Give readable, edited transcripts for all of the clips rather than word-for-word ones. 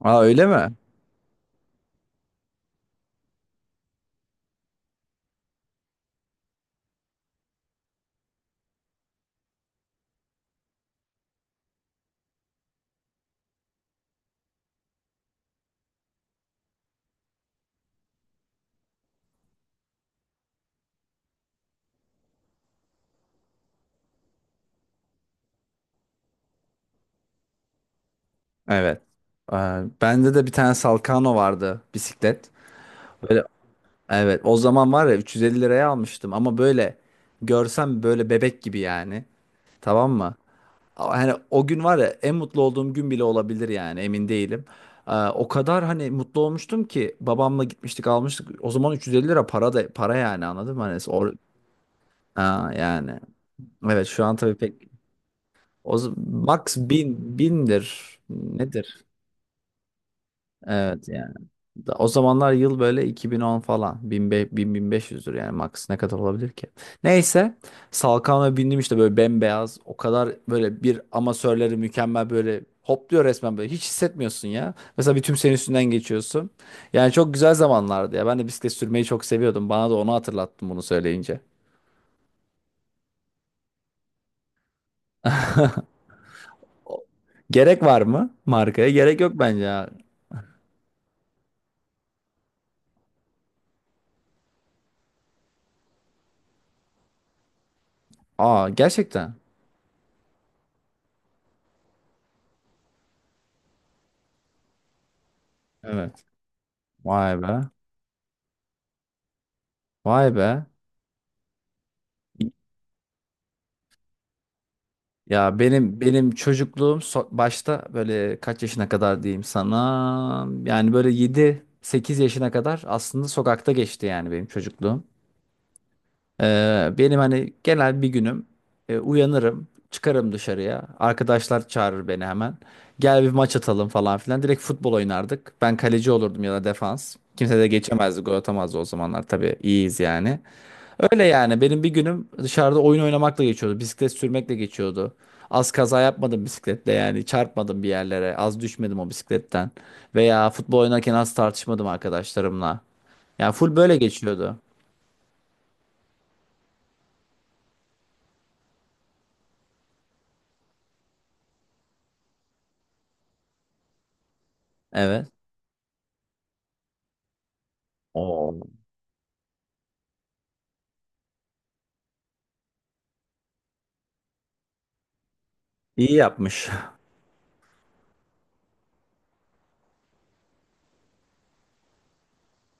Aa öyle mi? Evet. Aa, bende de bir tane Salkano vardı bisiklet. Böyle evet o zaman var ya 350 liraya almıştım ama böyle görsem böyle bebek gibi yani. Tamam mı? Ama hani o gün var ya en mutlu olduğum gün bile olabilir yani emin değilim. Aa, o kadar hani mutlu olmuştum ki babamla gitmiştik almıştık. O zaman 350 lira para da para yani anladın mı? Hani Aa, yani. Evet şu an tabii pek o z- max bin bindir nedir? Evet yani. O zamanlar yıl böyle 2010 falan. 1000-1500'dür yani max ne kadar olabilir ki? Neyse. Salkan'a bindim işte böyle bembeyaz. O kadar böyle bir amatörleri mükemmel böyle hopluyor resmen böyle. Hiç hissetmiyorsun ya. Mesela bir tüm senin üstünden geçiyorsun. Yani çok güzel zamanlardı ya. Ben de bisiklet sürmeyi çok seviyordum. Bana da onu hatırlattın bunu söyleyince. O- Gerek var mı markaya? Gerek yok bence ya. Aa, gerçekten. Evet. Vay be. Vay be. Ya benim çocukluğum başta böyle kaç yaşına kadar diyeyim sana yani böyle yedi sekiz yaşına kadar aslında sokakta geçti yani benim çocukluğum. Benim hani genel bir günüm, uyanırım çıkarım dışarıya arkadaşlar çağırır beni hemen gel bir maç atalım falan filan direkt futbol oynardık ben kaleci olurdum ya da defans kimse de geçemezdi gol atamazdı o zamanlar tabii iyiyiz yani. Öyle yani. Benim bir günüm dışarıda oyun oynamakla geçiyordu. Bisiklet sürmekle geçiyordu. Az kaza yapmadım bisikletle yani. Çarpmadım bir yerlere. Az düşmedim o bisikletten. Veya futbol oynarken az tartışmadım arkadaşlarımla. Yani full böyle geçiyordu. Evet. Oo. İyi yapmış.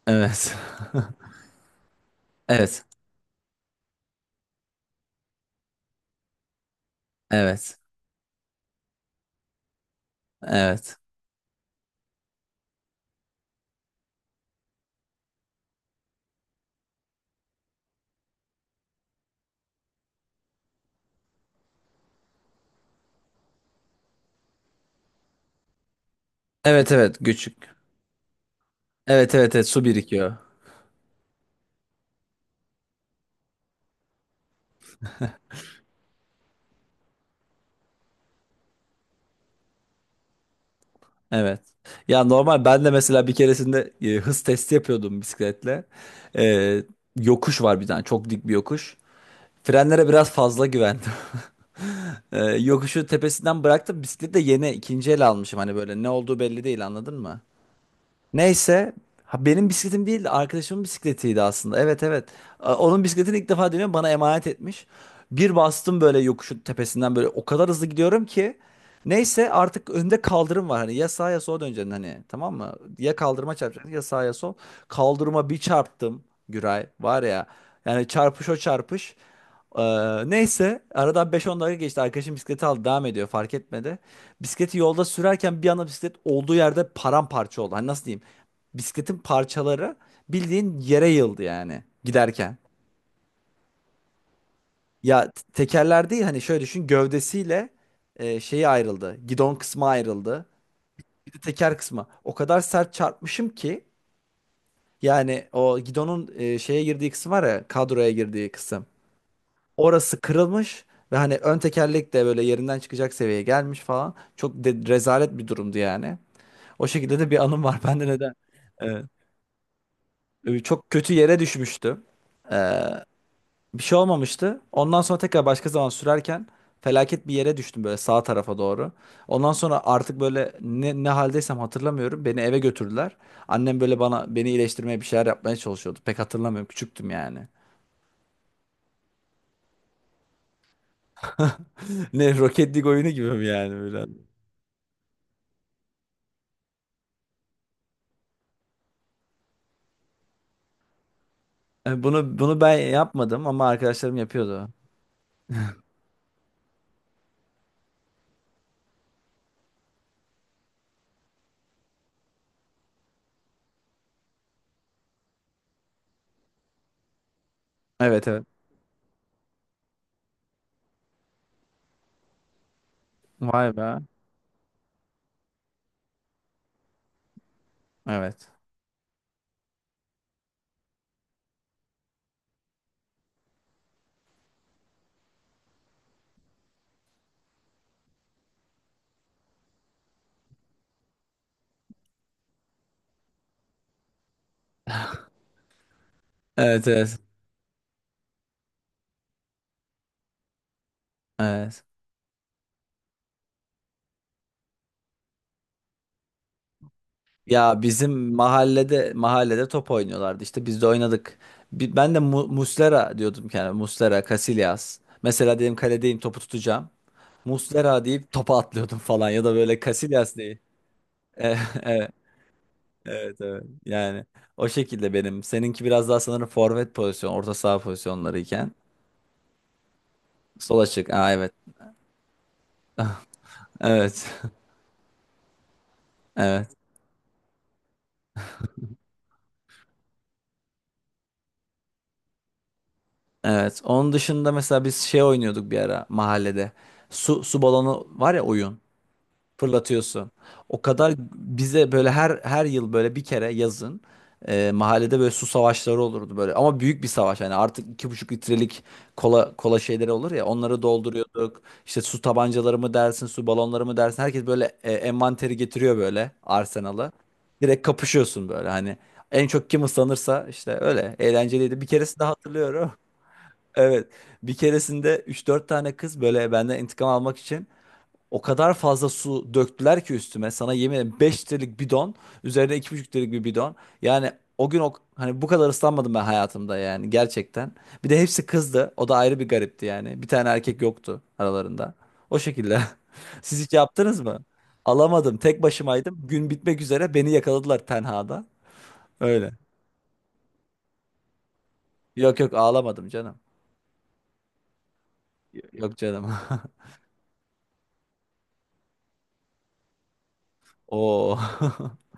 Evet. Evet. Evet. Evet. Evet evet küçük. Evet evet evet su birikiyor. Evet. Ya normal ben de mesela bir keresinde hız testi yapıyordum bisikletle. E, Yokuş var bir tane çok dik bir yokuş. Frenlere biraz fazla güvendim. Yokuşu tepesinden bıraktım. Bisikleti de yeni ikinci el almışım. Hani böyle ne olduğu belli değil anladın mı? Neyse, ha, benim bisikletim değildi arkadaşımın bisikletiydi aslında. Evet evet. Onun bisikletini ilk defa deniyorum bana emanet etmiş. Bir bastım böyle yokuşun tepesinden böyle o kadar hızlı gidiyorum ki. Neyse artık önde kaldırım var hani ya sağa ya sola döneceksin hani tamam mı? Ya kaldırıma çarpacaksın ya sağa ya sol. Kaldırıma bir çarptım Güray var ya yani çarpış o çarpış. Ee, Neyse aradan beş on dakika geçti arkadaşım bisikleti aldı devam ediyor fark etmedi. Bisikleti yolda sürerken bir anda bisiklet olduğu yerde paramparça oldu. Hani nasıl diyeyim? Bisikletin parçaları bildiğin yere yıldı yani giderken. Ya tekerler değil hani şöyle düşün gövdesiyle, şeyi ayrıldı. Gidon kısmı ayrıldı. Bir de teker kısmı. O kadar sert çarpmışım ki yani o gidonun, şeye girdiği kısım var ya kadroya girdiği kısım. Orası kırılmış ve hani ön tekerlek de böyle yerinden çıkacak seviyeye gelmiş falan. Çok rezalet bir durumdu yani. O şekilde de bir anım var. Ben de neden? Evet. Çok kötü yere düşmüştüm. E, Bir şey olmamıştı. Ondan sonra tekrar başka zaman sürerken felaket bir yere düştüm böyle sağ tarafa doğru. Ondan sonra artık böyle ne haldeysem hatırlamıyorum. Beni eve götürdüler. Annem böyle bana beni iyileştirmeye bir şeyler yapmaya çalışıyordu. Pek hatırlamıyorum. Küçüktüm yani. Ne Rocket League oyunu gibi mi yani böyle? Bunu ben yapmadım ama arkadaşlarım yapıyordu. Evet evet. Vay be. Evet. Evet evet. Evet. Ya bizim mahallede top oynuyorlardı. İşte biz de oynadık. Ben de Muslera diyordum yani. Muslera, Casillas. Mesela dedim kaledeyim topu tutacağım. Muslera deyip topa atlıyordum falan ya da böyle Casillas diye. Evet, evet, evet. Evet. Yani o şekilde benim. Seninki biraz daha sanırım forvet pozisyon, orta saha pozisyonlarıyken. Sol açık. Aa, evet. Evet. Evet. Evet. Onun dışında mesela biz şey oynuyorduk bir ara mahallede. Su balonu var ya oyun. Fırlatıyorsun. O kadar bize böyle her yıl böyle bir kere yazın, mahallede böyle su savaşları olurdu böyle. Ama büyük bir savaş yani artık 2,5 litrelik kola şeyleri olur ya onları dolduruyorduk. İşte su tabancaları mı dersin, su balonları mı dersin. Herkes böyle, envanteri getiriyor böyle arsenalı. Direkt kapışıyorsun böyle hani. En çok kim ıslanırsa işte öyle eğlenceliydi. Bir keresinde hatırlıyorum. Evet. Bir keresinde üç dört tane kız böyle benden intikam almak için o kadar fazla su döktüler ki üstüme. Sana yemin ederim 5 litrelik bidon. Üzerine 2,5 litrelik bir bidon. Yani o gün, hani bu kadar ıslanmadım ben hayatımda yani gerçekten. Bir de hepsi kızdı. O da ayrı bir garipti yani. Bir tane erkek yoktu aralarında. O şekilde. Siz hiç yaptınız mı? Alamadım. Tek başımaydım. Gün bitmek üzere beni yakaladılar tenhada. Öyle. Yok yok ağlamadım canım. Yok canım. Oo.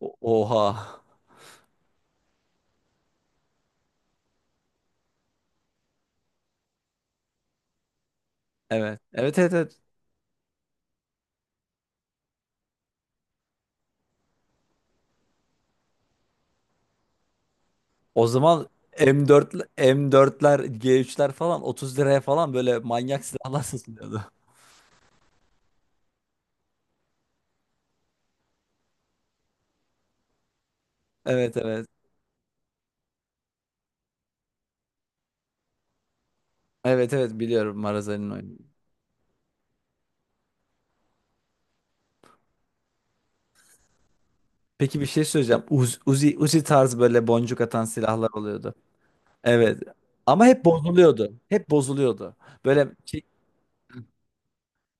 Oha. Evet. Evet evet evet. O zaman M4'ler, G3'ler falan 30 liraya falan böyle manyak silahlar satılıyordu. Evet evet. Evet evet biliyorum Marazali'nin oyunu. Peki bir şey söyleyeceğim. Uzi tarzı böyle boncuk atan silahlar oluyordu. Evet. Ama hep bozuluyordu. Hep bozuluyordu. Böyle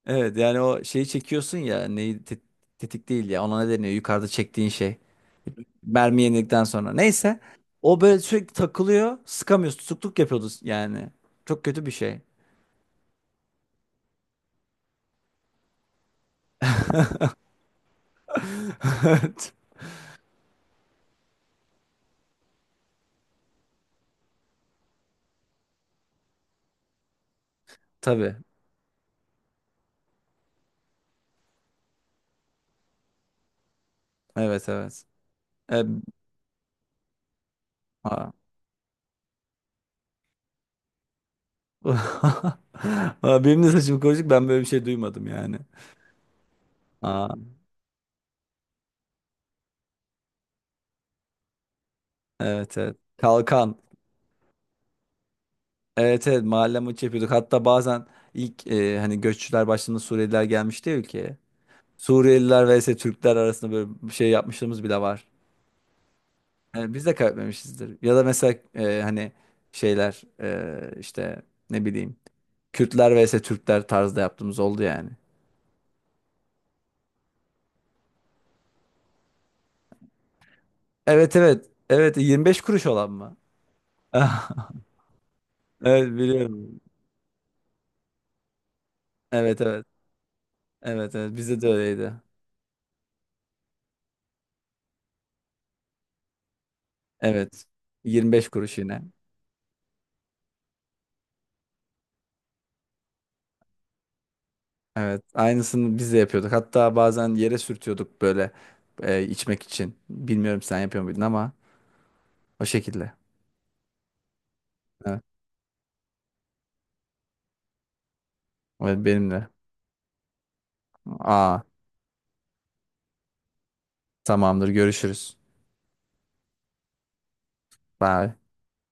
evet yani o şeyi çekiyorsun ya neyi tetik değil ya ona ne deniyor yukarıda çektiğin şey. Mermi yenildikten sonra. Neyse. O böyle sürekli takılıyor. Sıkamıyorsun. Tutukluk yapıyordu yani. Çok kötü bir şey. Evet, tabii. Evet evet. E, Aa. Aa, benim de saçım kıvırcık ben böyle bir şey duymadım yani. Aa, evet evet. Kalkan. Evet evet mahalle maçı yapıyorduk. Hatta bazen ilk, hani göççüler başladığında Suriyeliler gelmişti ya ülkeye. Suriyeliler vs Türkler arasında böyle bir şey yapmışlığımız bile var. Yani biz de kaybetmemişizdir. Ya da mesela, hani şeyler, işte ne bileyim Kürtler vs Türkler tarzda yaptığımız oldu yani. Evet evet. Evet 25 kuruş olan mı? Evet biliyorum. Evet evet. Evet evet bizde de öyleydi. Evet. 25 kuruş yine. Evet. Aynısını biz de yapıyorduk. Hatta bazen yere sürtüyorduk böyle, içmek için. Bilmiyorum sen yapıyor muydun ama o şekilde. Evet. Evet benim de. Aa, tamamdır görüşürüz. Bye.